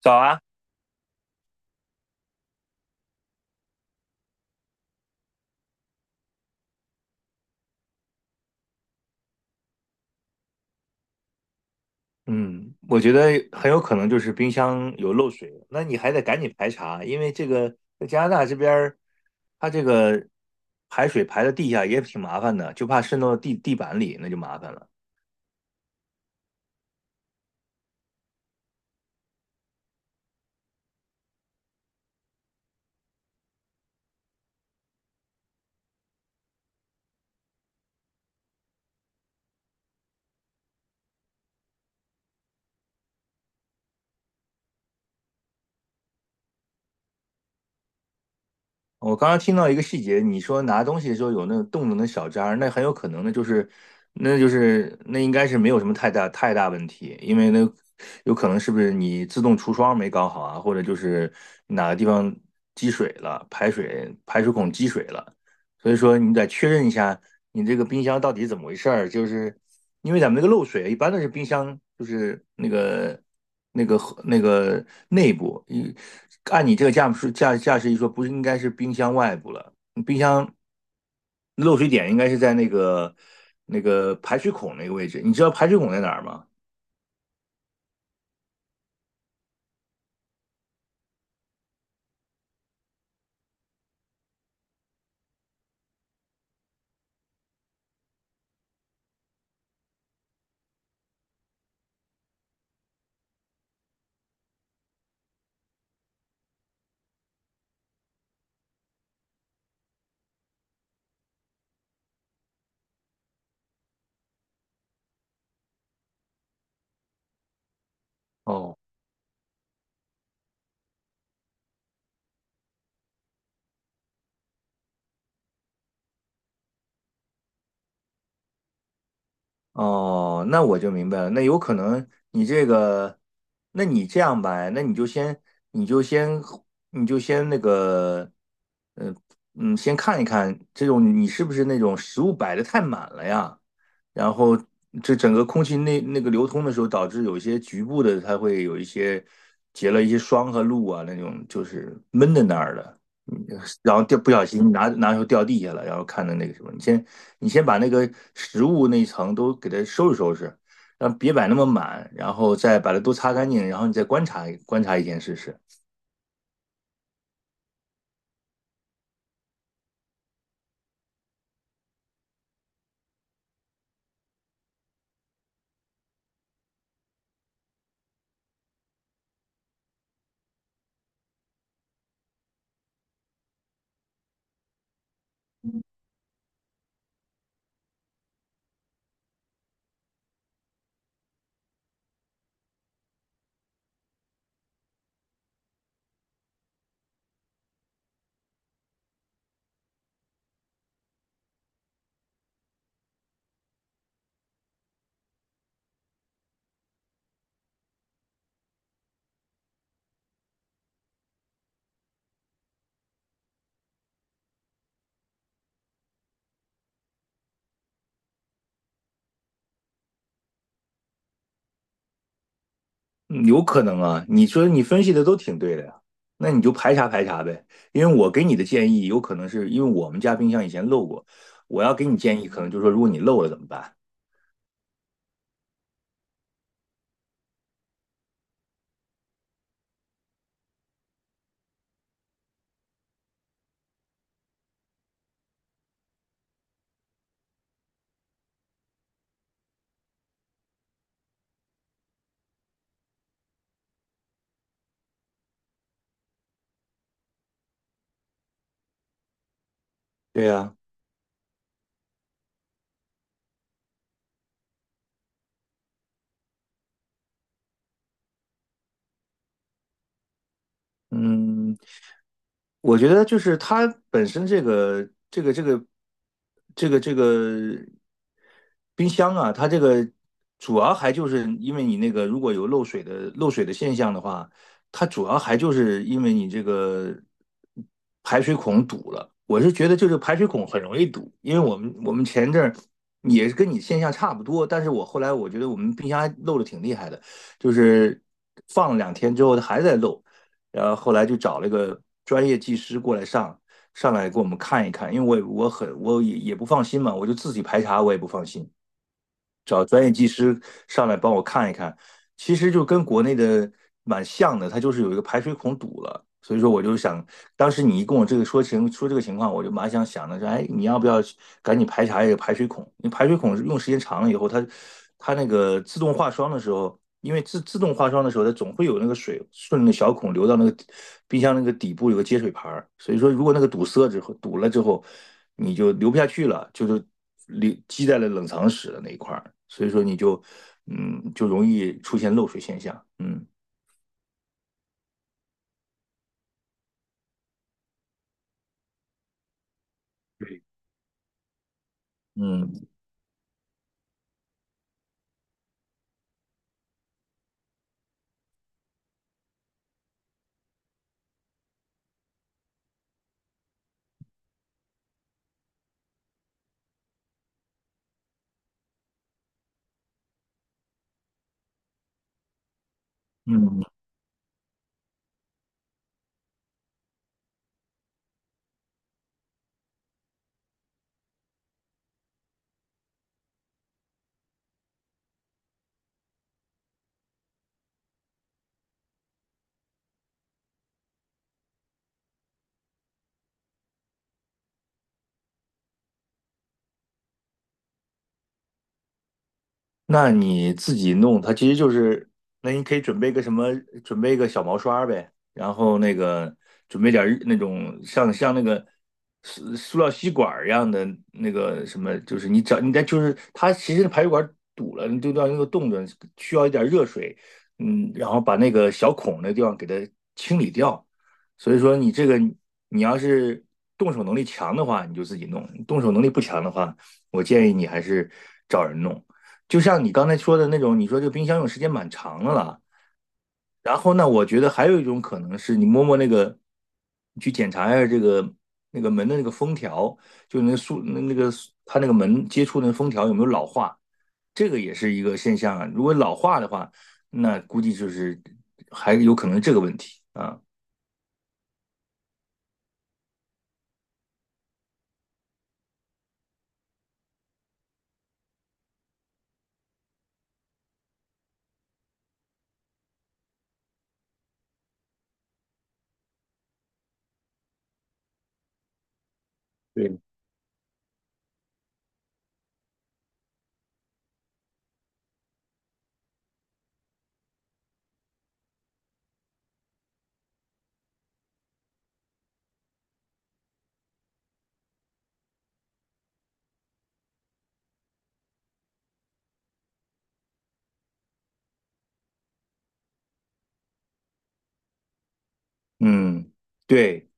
早啊。嗯，我觉得很有可能就是冰箱有漏水，那你还得赶紧排查，因为这个在加拿大这边儿，它这个排水排到地下也挺麻烦的，就怕渗到地板里，那就麻烦了。我刚刚听到一个细节，你说拿东西的时候有那个洞动的小渣儿，那很有可能的就是，那就是那应该是没有什么太大问题，因为那有可能是不是你自动除霜没搞好啊，或者就是哪个地方积水了，排水孔积水了。所以说你得确认一下你这个冰箱到底怎么回事儿，就是因为咱们这个漏水一般都是冰箱就是那个那个内部，一按你这个驾驶一说，不是应该是冰箱外部了，冰箱漏水点应该是在那个排水孔那个位置，你知道排水孔在哪儿吗？哦。哦，那我就明白了。那有可能你这个，那你这样吧，那你就先，你就先，你就先那个，呃，嗯，先看一看这种你是不是那种食物摆的太满了呀？然后这整个空气那个流通的时候，导致有一些局部的它会有一些结了一些霜和露啊，那种就是闷在那儿的。嗯然后掉不小心拿手掉地下了，然后看的那个什么，你先把那个食物那一层都给它收拾收拾，让别摆那么满，然后再把它都擦干净，然后你再观察观察一天试试。嗯有可能啊，你说你分析的都挺对的呀，那你就排查排查呗。因为我给你的建议，有可能是因为我们家冰箱以前漏过，我要给你建议，可能就是说如果你漏了怎么办？对呀。嗯，我觉得就是它本身这个冰箱啊，它这个主要还就是因为你那个如果有漏水的现象的话，它主要还就是因为你这个排水孔堵了。我是觉得就是排水孔很容易堵，因为我们前一阵儿也是跟你现象差不多，但是我后来我觉得我们冰箱还漏的挺厉害的，就是放了两天之后它还在漏。然后后来就找了个专业技师过来上来给我们看一看，因为我也不放心嘛，我就自己排查我也不放心，找专业技师上来帮我看一看，其实就跟国内的蛮像的，它就是有一个排水孔堵了，所以说我就想，当时你一跟我这个说这个情况，我就蛮想的是，哎，你要不要赶紧排查一个排水孔？因为排水孔用时间长了以后，它它那个自动化霜的时候，因为自动化霜的时候，它总会有那个水顺着小孔流到那个冰箱那个底部有个接水盘儿，所以说如果那个堵了之后，你就流不下去了，就是。里积在了冷藏室的那一块儿，所以说你就嗯就容易出现漏水现象。嗯。对。嗯嗯。那你自己弄，它其实就是，那你可以准备个什么，准备个小毛刷呗，然后那个准备点儿那种像那个塑料吸管儿一样的那个什么，就是你找你在就是它其实排水管堵了，你就到那个洞子需要一点热水，嗯，然后把那个小孔那地方给它清理掉。所以说你这个你要是动手能力强的话，你就自己弄；动手能力不强的话，我建议你还是找人弄。就像你刚才说的那种，你说这个冰箱用时间蛮长的了。然后呢，我觉得还有一种可能是你摸摸那个，你去检查一下这个那个门的那个封条，就那个它那个门接触那封条有没有老化，这个也是一个现象啊。如果老化的话，那估计就是还有可能这个问题啊。对。嗯，对，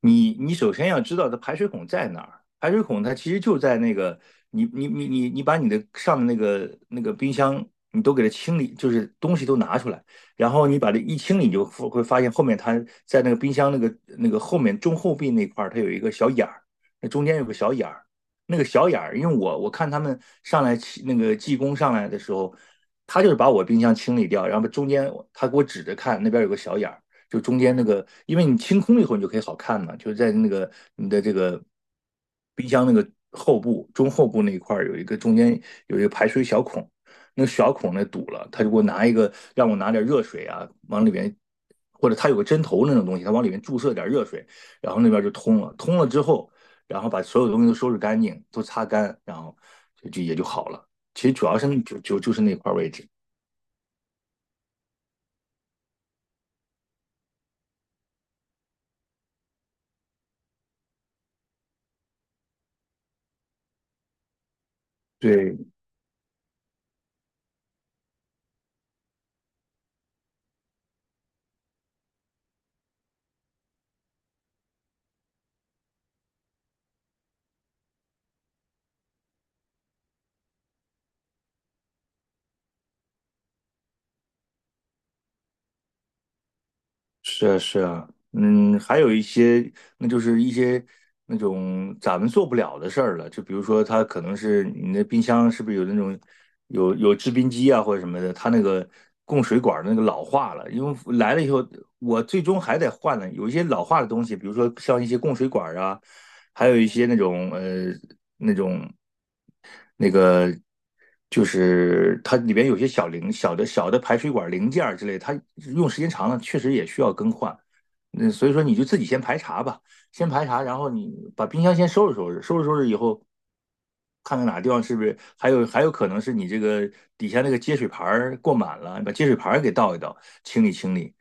你你首先要知道它排水孔在哪儿，排水孔它其实就在那个你把你的上的那个冰箱你都给它清理，就是东西都拿出来，然后你把这一清理，你就会发现后面它在那个冰箱那个后面中后壁那块儿它有一个小眼儿，那中间有个小眼儿，那个小眼儿，因为我看他们上来起那个技工上来的时候，他就是把我冰箱清理掉，然后中间他给我指着看那边有个小眼儿。就中间那个，因为你清空了以后，你就可以好看嘛，就是在那个你的这个冰箱那个后部、中后部那一块儿有一个中间有一个排水小孔，那个小孔那堵了，他就给我拿一个让我拿点热水啊，往里面，或者他有个针头那种东西，他往里面注射点热水，然后那边就通了，通了之后，然后把所有东西都收拾干净，都擦干，然后就也就好了。其实主要是就是那块位置。对。是啊，是啊，嗯，还有一些，那就是一些那种咱们做不了的事儿了，就比如说，它可能是你那冰箱是不是有那种有制冰机啊或者什么的，它那个供水管儿那个老化了，因为来了以后，我最终还得换呢。有一些老化的东西，比如说像一些供水管儿啊，还有一些那种那种。那个就是它里边有些小的排水管零件儿之类，它用时间长了确实也需要更换。嗯，所以说你就自己先排查吧，先排查，然后你把冰箱先收拾收拾，收拾收拾以后，看看哪个地方是不是还有可能是你这个底下那个接水盘儿过满了，你把接水盘儿给倒一倒，清理清理。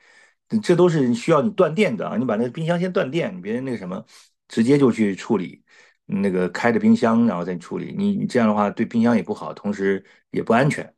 这都是需要你断电的啊！你把那个冰箱先断电，你别那个什么，直接就去处理。那个开着冰箱，然后再处理。你这样的话对冰箱也不好，同时也不安全。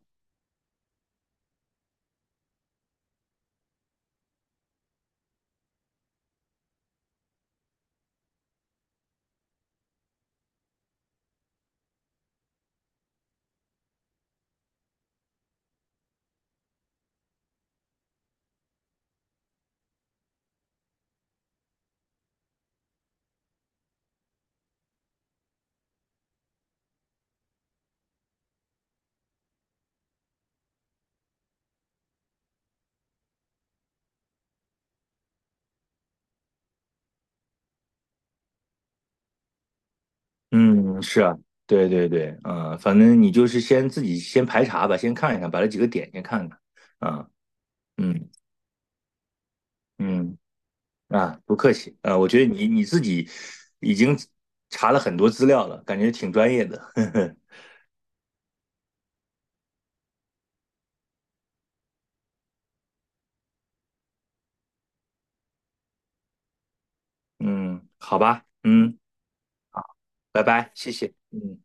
嗯，是啊。对对对，嗯，反正你就是自己先排查吧，先看一看，把这几个点先看看。啊。嗯嗯啊，不客气。啊，我觉得你自己已经查了很多资料了，感觉挺专业的。嗯，好吧，嗯，拜拜，谢谢。嗯。